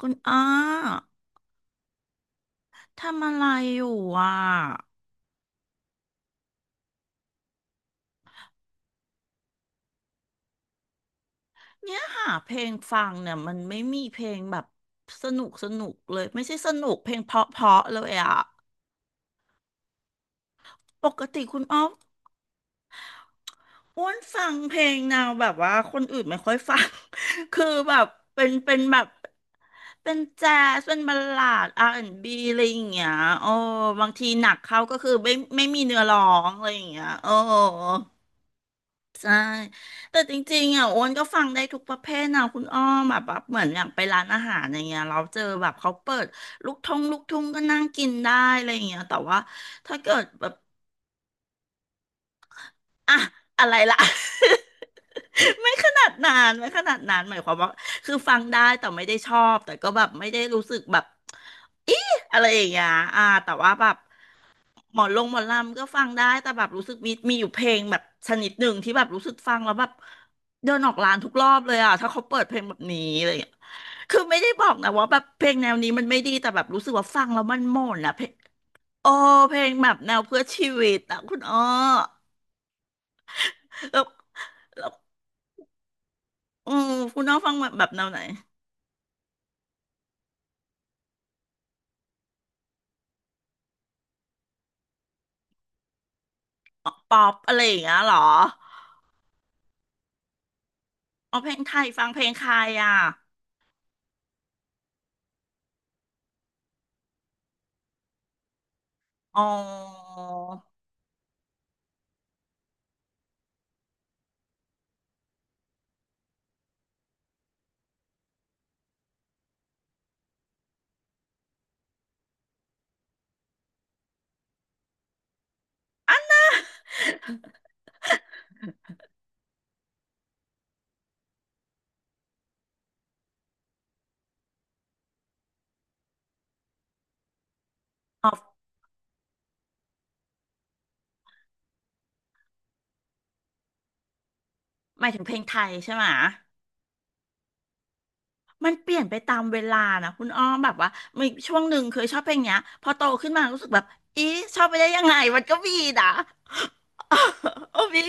คุณอ้าทำอะไรอยู่อ่ะเนี่ยหาเพลงฟังเนี่ยมันไม่มีเพลงแบบสนุกเลยไม่ใช่สนุกเพลงเพราะเลยอ่ะปกติคุณอ้อฟอ้วนฟังเพลงแนวแบบว่าคนอื่นไม่ค่อยฟัง คือแบบเป็นแบบเป็นแจ๊สเป็นบัลลาด R&B อนด์บีอะไรอย่างเงี้ยโอ้บางทีหนักเขาก็คือไม่มีเนื้อร้องอะไรอย่างเงี้ยโอ้ ใช่แต่จริงๆอ่ะโอนก็ฟังได้ทุกประเภทนะคุณอ้อมแบบเหมือนอย่างไปร้านอาหารอย่างเงี้ยเราเจอแบบเขาเปิดลูกทุ่งก็นั่งกินได้อะไรอย่างเงี้ยแต่ว่าถ้าเกิดแบบ อะอะไรล่ะ ไม่ขนาดนานไม่ขนาดนานหมายความว่าคือฟังได้แต่ไม่ได้ชอบแต่ก็แบบไม่ได้รู้สึกแบบอีอะไรอย่างเงี้ยอ่าแต่ว่าแบบหมอนลงหมอนลำก็ฟังได้แต่แบบรู้สึกมีอยู่เพลงแบบชนิดหนึ่งที่แบบรู้สึกฟังแล้วแบบเดินออกร้านทุกรอบเลยอ่ะถ้าเขาเปิดเพลงแบบนี้อะไรอย่างเงี้ยคือไม่ได้บอกนะว่าแบบเพลงแนวนี้มันไม่ดีแต่แบบรู้สึกว่าฟังแล้วมันหม่นอ่ะเพลงโอ้เพลงแบบแนวเพื่อชีวิตอ่ะคุณอ้อแล้ว อือคุณน้องฟังแบบแนวไหนอ๋อป๊อปอะไรอย่างเงี้ยเหรออ๋อเพลงไทยฟังเพลงใครอ่ะอ๋อหมายถึงเพลงไทยใช่ไหมะมันเปลี่ยนไปตามเวลานะคุณอ้อมแบบว่ามีช่วงหนึ่งเคยชอบเพลงเนี้ยพอโตขึ้นมารู้สึกแบบอีชอบไปได้ยังไงมันก็มีนะ โอ้มี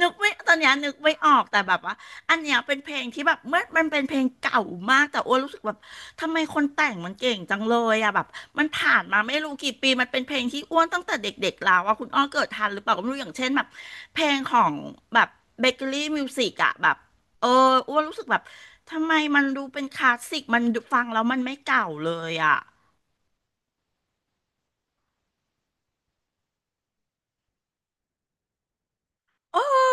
นึกไม่ตอนเนี้ยนึกไม่ออกแต่แบบว่าอันเนี้ยเป็นเพลงที่แบบเมื่อมันเป็นเพลงเก่ามากแต่โอ้วนรู้สึกแบบทำไมคนแต่งมันเก่งจังเลยอะแบบมันผ่านมาไม่รู้กี่ปีมันเป็นเพลงที่อ้วนตั้งแต่เด็กๆแล้วอะคุณอ้อเกิดทันหรือเปล่าก็ไม่รู้อย่างเช่นแบบเพลงของแบบเบเกอรี่มิวสิกอะแบบเอออ้วนรู้สึกแบบทำไมมันดูเป็นคลาสสิกมันดูฟังแล้วมันไม่เก่าเลยอะเออ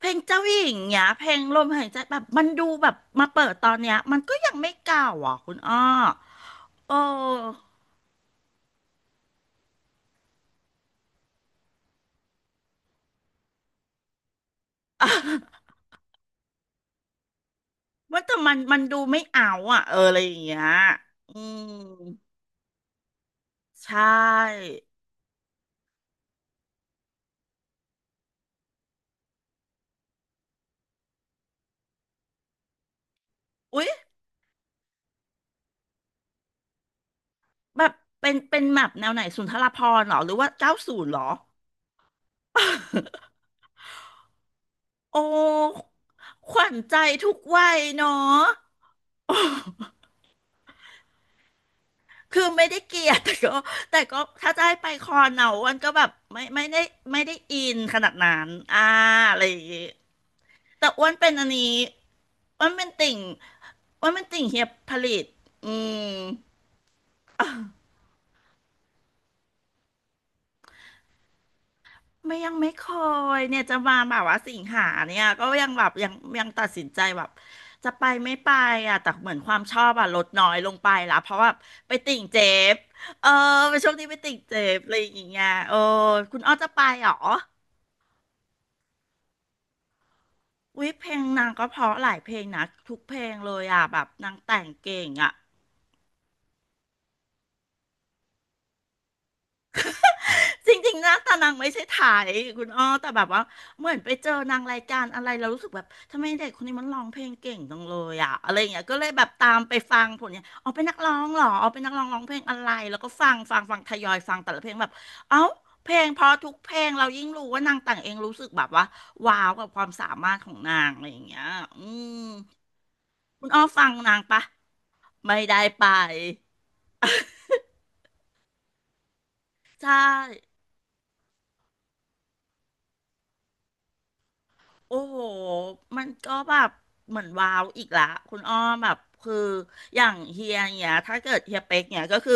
เพลงเจ้าหญิงเนี้ยเพลงลมหายใจแบบมันดูแบบมาเปิดตอนเนี้ยมันก็ยังไม่เก่าอ่ะคุณอ้อโอ้ ว่าแต่มันดูไม่เอาอ่ะเอออะไรอย่างเงี้ยอืมใช่อุ๊ยแบบเป็นแบบแนวไหนสุนทรภรณ์เหรอหรือว่าเก้าศูนย์เหรอ โอ้ขวัญใจทุกวัยเนาะ คือไม่ได้เกลียดแต่ก็ถ้าจะให้ไปคอนเอา้วันก็แบบไม่ได้ไม่ได้อินขนาดนั้นอ่าอะไรอย่างงี้แต่อ้วนเป็นอันนี้อ้วนเป็นติ่งอ้วนเป็นติ่งเฮียผลิตอืมไม่ยังไม่เคยเนี่ยจะมาแบบว่าสิงหาเนี่ยก็ยังแบบยังยังตัดสินใจแบบจะไปไม่ไปอ่ะแต่เหมือนความชอบอ่ะลดน้อยลงไปละเพราะว่าไปติ่งเจฟเออไปช่วงนี้ไปติ่งเจฟอะไรอย่างเงี้ยเออคุณอ้อจะไปเหรอ วิเพลงนางก็เพราะหลายเพลงนะทุกเพลงเลยอ่ะแบบนางแต่งเก่งอ่ะ จริงๆนะแต่นางไม่ใช่ไถ่ายคุณอ้อแต่แบบว่าเหมือนไปเจอนางรายการอะไรเรารู้สึกแบบทำไมเด็กคนนี้มันร้องเพลงเก่งจังเลยอ่ะอะไรอย่างเงี้ยก็เลยแบบตามไปฟังผลเนี่ยอ๋อเป็นนักร้องเหรออ๋อเป็นนักร้องร้องเพลงอะไรแล้วก็ฟังทยอยฟังแต่ละเพลงแบบเอ้าเพลงเพราะทุกเพลงเรายิ่งรู้ว่านางแต่งเองรู้สึกแบบว่าว้าวกับความสามารถของนางอะไรอย่างเงี้ยอืมคุณอ้อฟังนางปะ ไม่ได้ไปใช่โอ้โหมันก็แบบเหมือนว้าวอีกละคุณอ้อมแบบคืออย่างเฮียเนี่ยถ้าเกิดเฮียเป็กเนี่ยก็คือ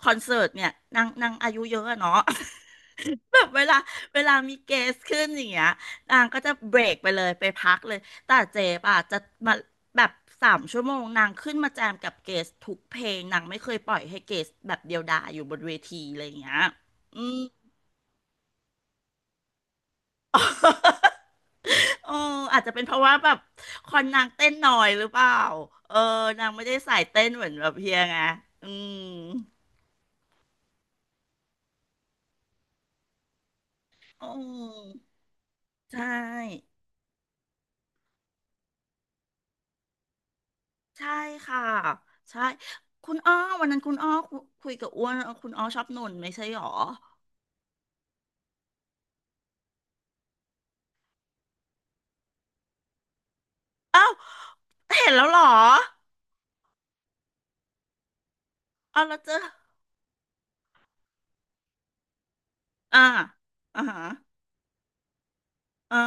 คอนเสิร์ตเนี่ยนางอายุเยอะอะเนาะ แบบเวลามีเกสขึ้นอย่างเงี้ยนางก็จะเบรกไปเลยไปพักเลยแต่เจ๊ป่ะจะมาแบบ3 ชั่วโมงนางขึ้นมาแจมกับเกสทุกเพลงนางไม่เคยปล่อยให้เกสแบบเดียวดายอยู่บนเวทีอะไรอย่างเงี้ยอืม เอออาจจะเป็นเพราะว่าแบบคอนนางเต้นหน่อยหรือเปล่าเออนางไม่ได้สายเต้นเหมือนแบบเฮียไงอืมอืมใช่ใช่ค่ะใช่คุณอ้อวันนั้นคุณอ้อคุยกับอ้วนคุณอ้อชอบหนุ่นไม่ใช่หรออ้าวเห็นแล้วเหรออ้าวแล้วเจออ่าฮะอ่า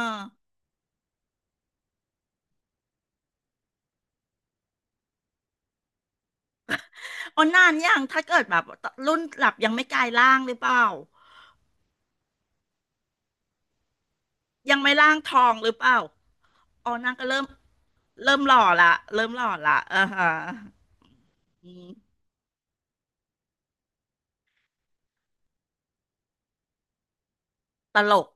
อ๋อนานยังถ้าเกิดแบบรุ่นหลับยังไม่กลายร่างหรือเปล่ายังไม่ร่างทองหรือเปล่าอ๋อนางก็เริ่ม เริ่มหล่อละเริ่มหล่อละอ่าฮะอืมตลก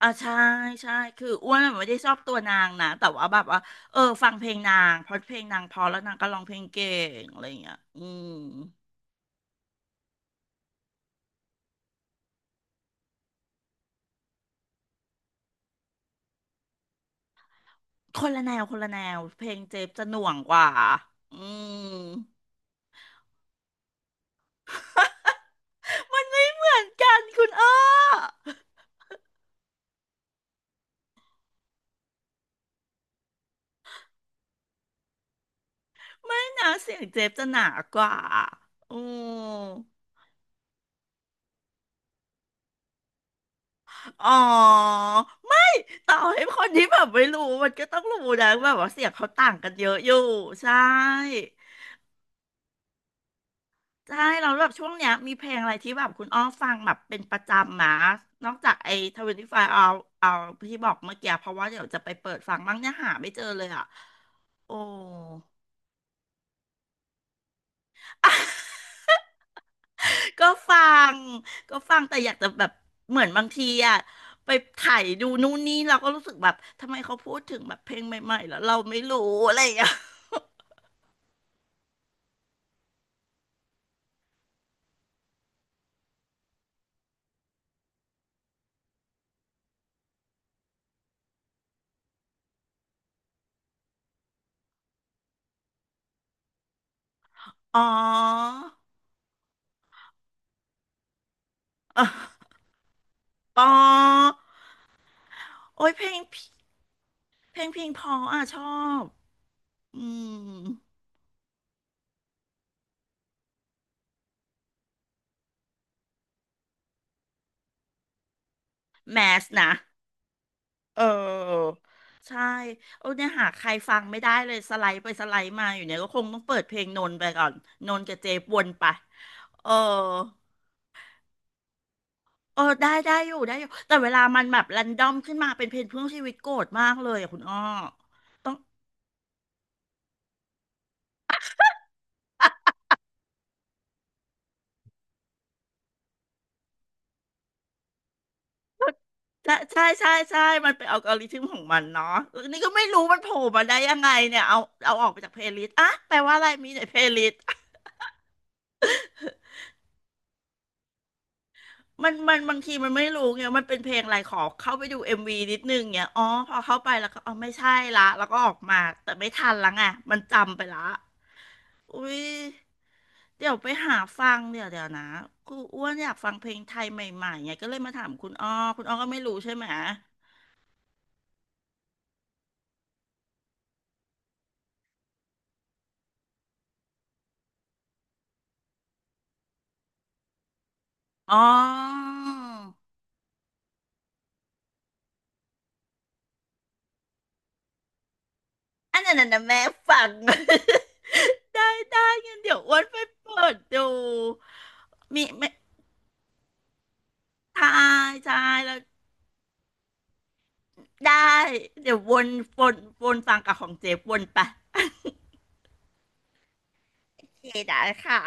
อ่าใช่ใช่คืออ้วนไม่ได้ชอบตัวนางนะแต่ว่าแบบว่าเออฟังเพลงนางเพราะเพลงนางเพอแล้วนางก็ร้องเพลงเก่งอะไรอย่างเงี้ยอืมคนละแนวคนละแนวเพลงเจฟจะหน่วงกว่าอืมมันไม่เหมือนกันคุณอ้อไม่นะเสียงเจฟจะหนากว่าอืมอ๋อ ต่อให้คนที่แบบไม่รู้ มันก็ต้องรู้นะ แบบว่าเสียงเขาต่างกันเยอะอยู่ ใช่ ใช่ เราแล้วแบบช่วงเนี้ยมีเพลงอะไรที่แบบคุณอ้อฟังแบบเป็นประจำมานอกจากไอ้ทเวนตี้ไฟว์เอาที่บอกเมื่อกี้เพราะว่าเดี๋ยวจะไปเปิดฟังบ้างเนี่ยหาไม่เจอเลยอ่ะโอ้ ก็ฟังก็ฟังแต่อยากจะแบบเหมือนบางทีอะไปไถ่ายดูนู่นนี่เราก็รู้สึกแบบทำไมเขาพูดถึงแบบเพลงใหม่ๆแล้วเราไม่รู้อะไรอย่างเงี้ยอ๋อ อ๋ออ๋อโอ้ย เพลงพี่เพลงเพออ่ะชอบอืมแมส นะ เออ ใช่โอ้เนี่ยหาใครฟังไม่ได้เลย สไลด์ไปสไลด์มา อยู่เนี่ยก็คงต้องเปิดเพลงนนท์ไปก่อนนนท์กับเจฟวนไป เออ เออได้ ได้อยู่แต่เวลามันแบบ รันดอมขึ้นมา เป็นเพลงเพื่อชีวิตโกรธมากเลยอ่ะคุณอ้อต้อง ใช่มันเป็นอัลกอริทึมของมันเนาะเออนี่ก็ไม่รู้มันโผล่มาได้ยังไงเนี่ยเอาออกไปจากเพลย์ลิสต์อ่ะแปลว่าอะไรมีในเพลย์ลิสต์ มันบางทีมันไม่รู้ไงมันเป็นเพลงอะไรขอเข้าไปดูเอ็มวีนิดนึงเนี่ยอ๋อพอเข้าไปแล้วก็อ๋อไม่ใช่ละแล้วก็ออกมาแต่ไม่ทันละไงมันจำไปละอุ้ยเดี๋ยวไปหาฟังเดี๋ยวนะกูอ้วนอยากฟังเพลงไทยใหม่ๆไงก็เลยมาถามคุณอ้อคุณอ้อก็ไม่รู้ใช่ไหมอ๋อ อันนั้นน่ะนะแม่ฟัง ได้ได้งั้นเดี๋ยวอ้วนไปเปิดดูมีไม่ทาทายแล้วได้เดี๋ยววนวนฟังกับของเจฟวนไป โอเคได้ค่ะ